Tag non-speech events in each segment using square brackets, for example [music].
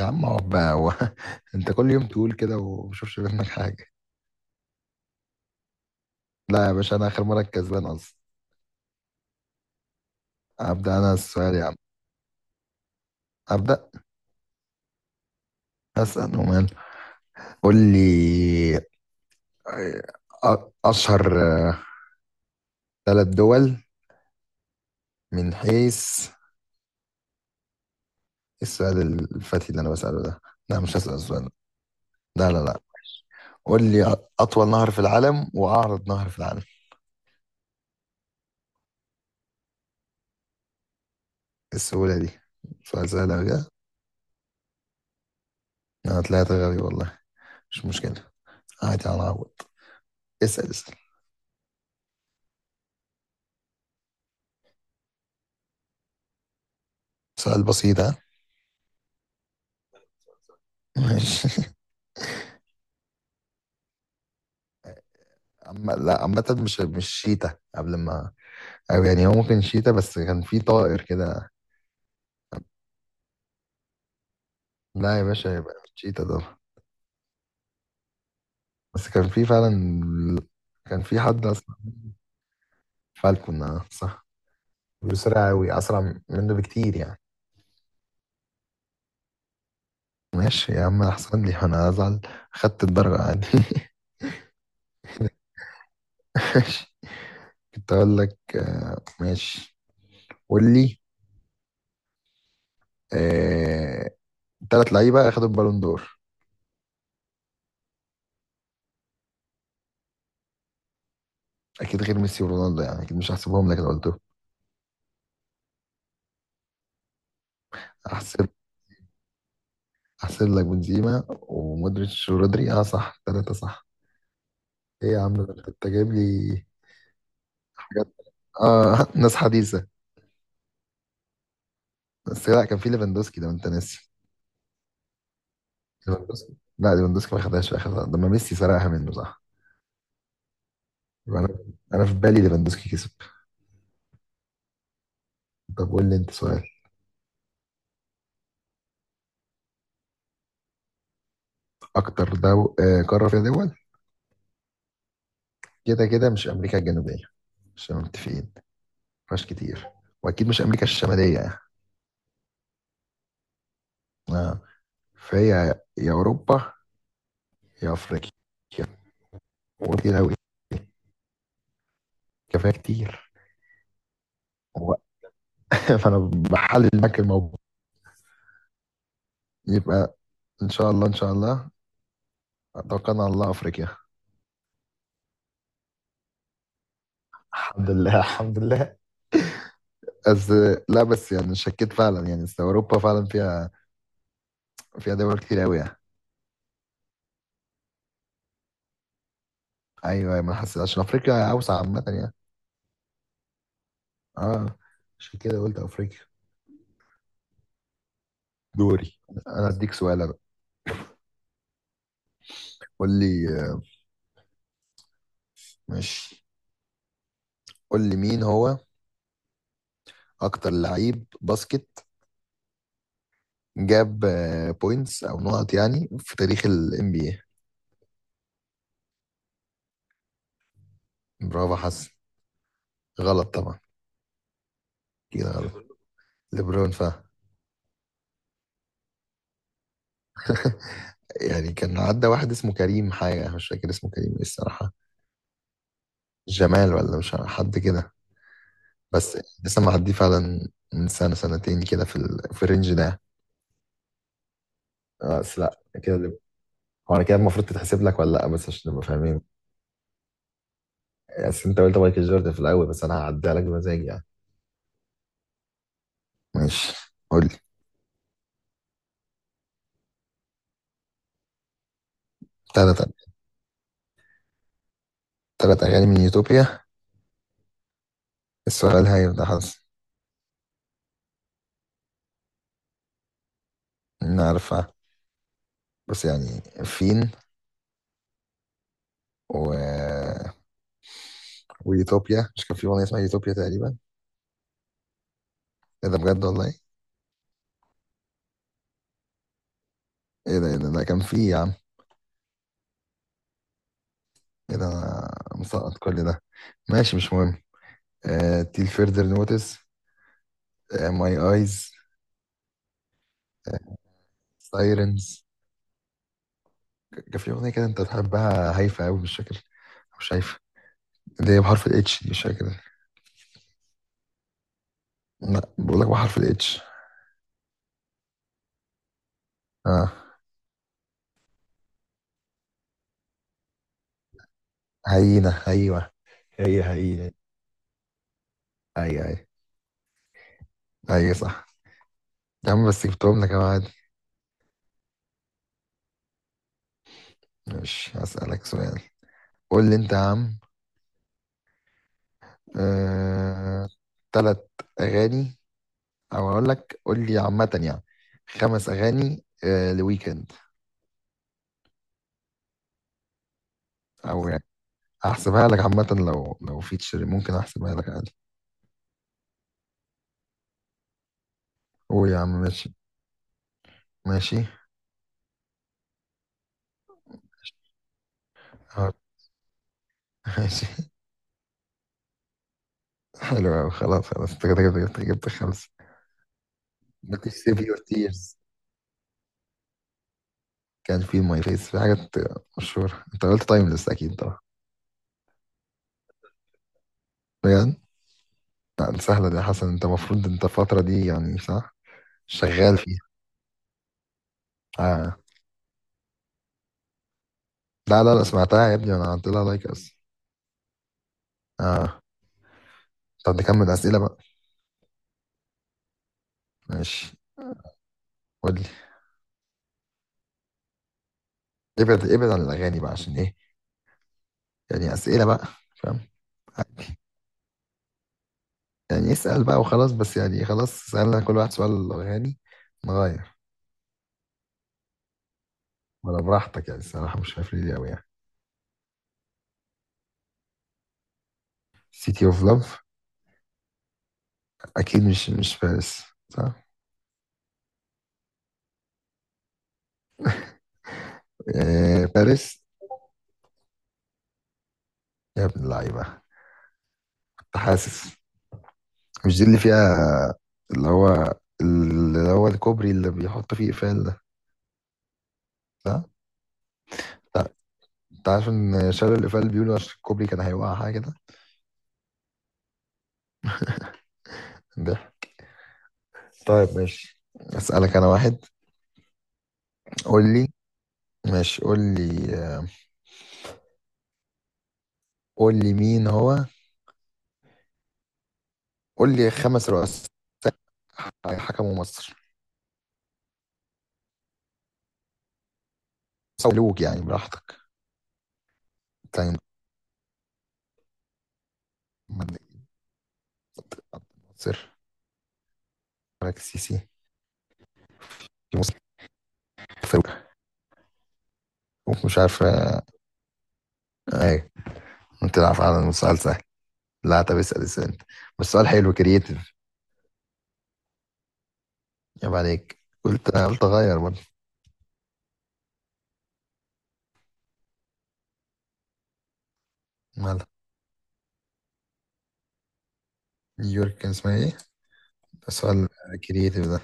يا عم اقعد بقى. هو [laughs] انت كل يوم تقول كده ومشوفش منك حاجة. لا يا باشا، انا اخر مرة الكسبان اصلا. ابدأ انا السؤال يا عم، ابدأ. اسأل ومال، قول لي. آه، اشهر ثلاث دول من حيث إيه السؤال؟ الفتي اللي انا بسأله ده، لا مش هسأل السؤال ده. لا. قول لي، اطول نهر في العالم واعرض نهر في العالم إيه؟ السهولة دي؟ سؤال سهل أوي ده. انا طلعت غبي والله. مش مشكلة، عادي هنعوض. اسأل اسأل. سؤال بسيط ها؟ ماشي. أما لا، عامة مش شيتا قبل ما، أو يعني هو ممكن شيتا بس كان في طائر كده. لا يا باشا يبقى مش شيتا ده. بس كان في فعلا، كان في حد أصلا. فالكون، آه، صح. بيسرع أوي، أسرع منه بكتير يعني. ماشي يا عم، أحسن لي أنا أزعل، خدت الدرجة عادي. [laughs] ماشي، كنت أقول لك آه، ماشي. قول لي. آه، تلات لعيبة أخدوا البالون دور. أكيد غير ميسي ورونالدو يعني، أكيد مش هحسبهم لك. لو قلته احسب لك. بنزيما ومودريتش ورودري، اه صح، ثلاثة صح. ايه يا عم ده، انت جايب لي حاجات. اه [laughs] ناس حديثة. بس لا، كان في ليفاندوسكي ده، ما انت ناسي ليفاندوسكي. لا، ليفاندوسكي ما خدهاش في اخر لحظة، لما ميسي سرقها منه صح. يبقى انا في بالي ليفاندوسكي كسب. طب قول لي انت سؤال. آه، قارة فيها دول. كده مش امريكا الجنوبية، مش متفقين، مش كتير. واكيد مش امريكا الشمالية يعني. اه، فهي يا اوروبا يا افريقيا. وكتير قوي، كفايه كتير. هو [laughs] فانا بحلل معاك الموضوع. يبقى ان شاء الله ان شاء الله، توكلنا على الله، افريقيا. الحمد لله الحمد لله. بس لا بس يعني شكيت فعلا يعني، أصل اوروبا فعلا فيها دول كتير قوي يعني. ايوه أيوة، ما أنا حسيت عشان افريقيا اوسع عامه يعني. اه، عشان كده قلت افريقيا. دوري، انا اديك سؤال انا. قول لي، آه، ماشي، قول لي مين هو اكتر لعيب باسكت جاب بوينتس او نقط يعني في تاريخ ال NBA. برافو حسن. غلط طبعا. كده غلط. ليبرون فا [laughs] يعني كان عدى واحد اسمه كريم حاجة، مش فاكر اسمه كريم ايه الصراحة. جمال ولا مش عارف، حد كده. بس يعني لسه معديه فعلا من سنة سنتين كده، في الرينج ده. آه، بس لا كده هو انا كده المفروض تتحسب لك ولا لا، بس عشان نبقى فاهمين. بس انت قلت مايكل جوردن في الاول، بس انا هعديها لك بمزاجي يعني. ماشي، قول لي. تلات تلات اغاني من يوتوبيا. السؤال هيبقى حظ. انا عارفها بس يعني فين. و... ويوتوبيا مش كان في اغنية اسمها يوتوبيا تقريبا؟ ايه ده، بجد والله؟ ايه ده، ايه ده، ده كان فيه يا عم. ايه ده، انا مسقط كل ده. ماشي مش مهم. آه، تيل فيردر نوتس، آه ماي ايز، سايرنز. كان في اغنيه كده انت بتحبها هايفه قوي مش فاكر، مش شايفه، اللي هي بحرف الاتش، دي مش فاكر. لا بقول لك بحرف الاتش. اه، هينه، ايوه. هي هي، اي اي، اي صح. يا عم بس جبتهم لك يا، عادي. مش هسألك سؤال، قول لي انت يا عم. آه، تلات اغاني، او اقول لك قول لي عامه يعني خمس اغاني. آه، لويكند. او يعني احسبها لك عامه، لو لو فيتشر ممكن احسبها لك عادي. قول يا عم، ماشي ماشي. آه، ماشي [laughs] حلو أوي، خلاص خلاص، انت كده كده جبت خمسة. ممكن سيف يور تيرز. كان في ماي فيس، في حاجات مشهورة. انت قلت تايمليس اكيد طبعا؟ بجد؟ لا دي سهلة دي يا حسن، انت المفروض انت الفترة دي، يعني صح، شغال فيها. آه. لا لا لا، سمعتها يا ابني وانا عملت لها لايك اصلا. اه. طب نكمل اسئلة بقى. ماشي، قول. ابعد ابعد عن الاغاني بقى عشان ايه، يعني اسئله بقى، فاهم. يعني اسال بقى وخلاص، بس يعني خلاص سالنا كل واحد سؤال عن الاغاني، نغير. ولا براحتك يعني، الصراحه مش عارف ليه قوي يعني. سيتي اوف لاف. اكيد مش باريس صح؟ إيه، باريس. يا ابن اللعيبه، كنت حاسس. مش دي اللي فيها اللي هو اللي هو الكوبري اللي بيحط فيه اقفال ده، صح؟ لا، انت عارف ان شالوا الاقفال بيقولوا عشان الكوبري كان هيوقع حاجه كده. ده طيب ماشي، اسالك انا واحد، قول لي. ماشي قول لي، قول لي مين هو. قول لي خمس رؤساء حكموا مصر، أو ملوك يعني براحتك. تاني. محمد، ناصر، ملك السيسي، مسلم، فاروق. ومش عارف. آه، ايه، انت عارف على سؤال سهل. لا طب اسال اسال انت، بس سؤال حلو كرييتيف. يا عليك، قلت قلت اغير برضه. مالها؟ نيويورك كان اسمها ايه؟ ده سؤال كرييتيف ده.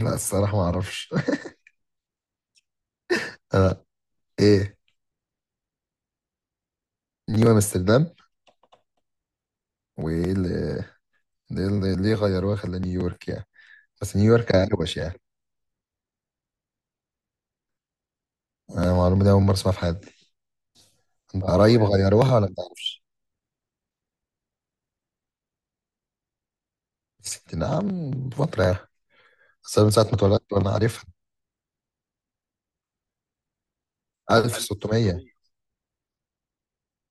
لا الصراحة ما اعرفش. [laughs] آه، ايه، نيو امستردام. وايه اللي، ليه ليه غيروها خلاه نيويورك يعني؟ بس نيويورك اروش يعني. أنا المعلومه دي اول مره اسمعها في حياتي. انت اه قريب يعني غيروها ولا ما تعرفش؟ الست نعم بفتره يعني. بس أنا من ساعه ما اتولدت وانا عارفها. 1600، 1600؟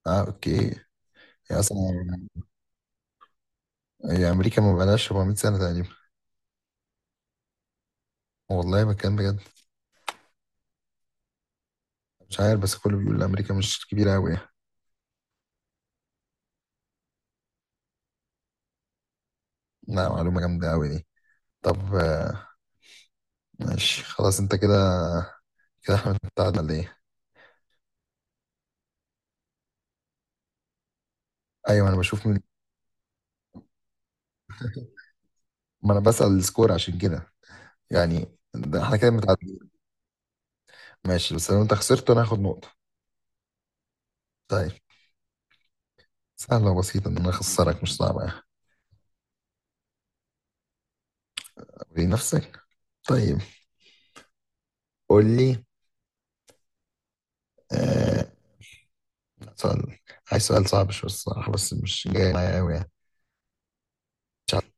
اه اوكي. يا اصلا هي امريكا ما بقالهاش 400 سنه تقريبا. والله بتكلم بجد. مش عارف بس كله بيقول امريكا مش كبيره قوي يعني. لا معلومه جامده قوي دي. طب آه، ماشي خلاص، انت كده كده، احنا متعادلين ولا ايه؟ ايوه انا بشوف ما انا بسأل السكور عشان كده، يعني ده احنا كده متعادلين. ماشي، بس لو انت خسرت انا هاخد نقطه. طيب، سهلة وبسيطة إن أنا أخسرك، مش صعبة. أوري نفسك. طيب قول لي. آه، سؤال. عايز سؤال صعب شوية الصراحة، بس مش جاي معايا أوي يعني. مش عارف.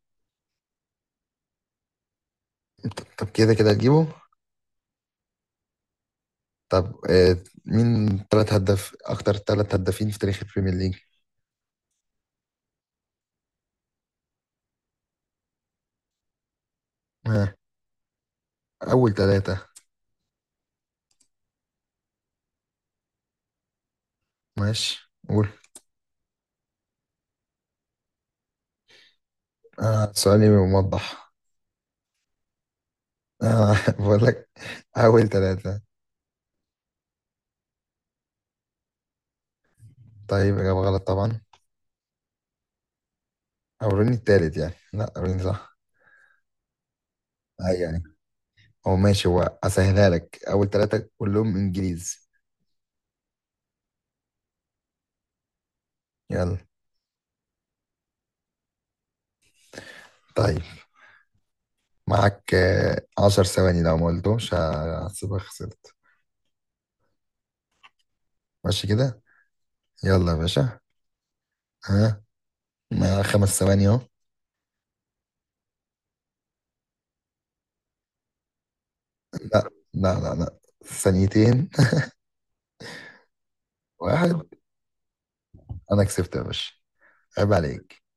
طب كده كده هتجيبه. طب آه، مين تلات هداف أكتر تلات هدافين في تاريخ البريمير ليج؟ آه. أول تلاتة. ماشي قول. آه، سؤالي موضح. آه، [laughs] بقول لك، أول تلاتة. طيب، إجابة غلط طبعا. أوريني التالت يعني، لا أوريني صح. أيوه. هو ماشي، هو اسهلها لك، اول ثلاثة كلهم انجليزي. يلا. طيب معاك آه، عشر ثواني لو ما قلتهمش هحسبك خسرت. ماشي كده، يلا يا باشا. ها. مع خمس ثواني اهو. لا، ثانيتين. [laughs] واحد. انا كسبت يا باشا. عيب عليك.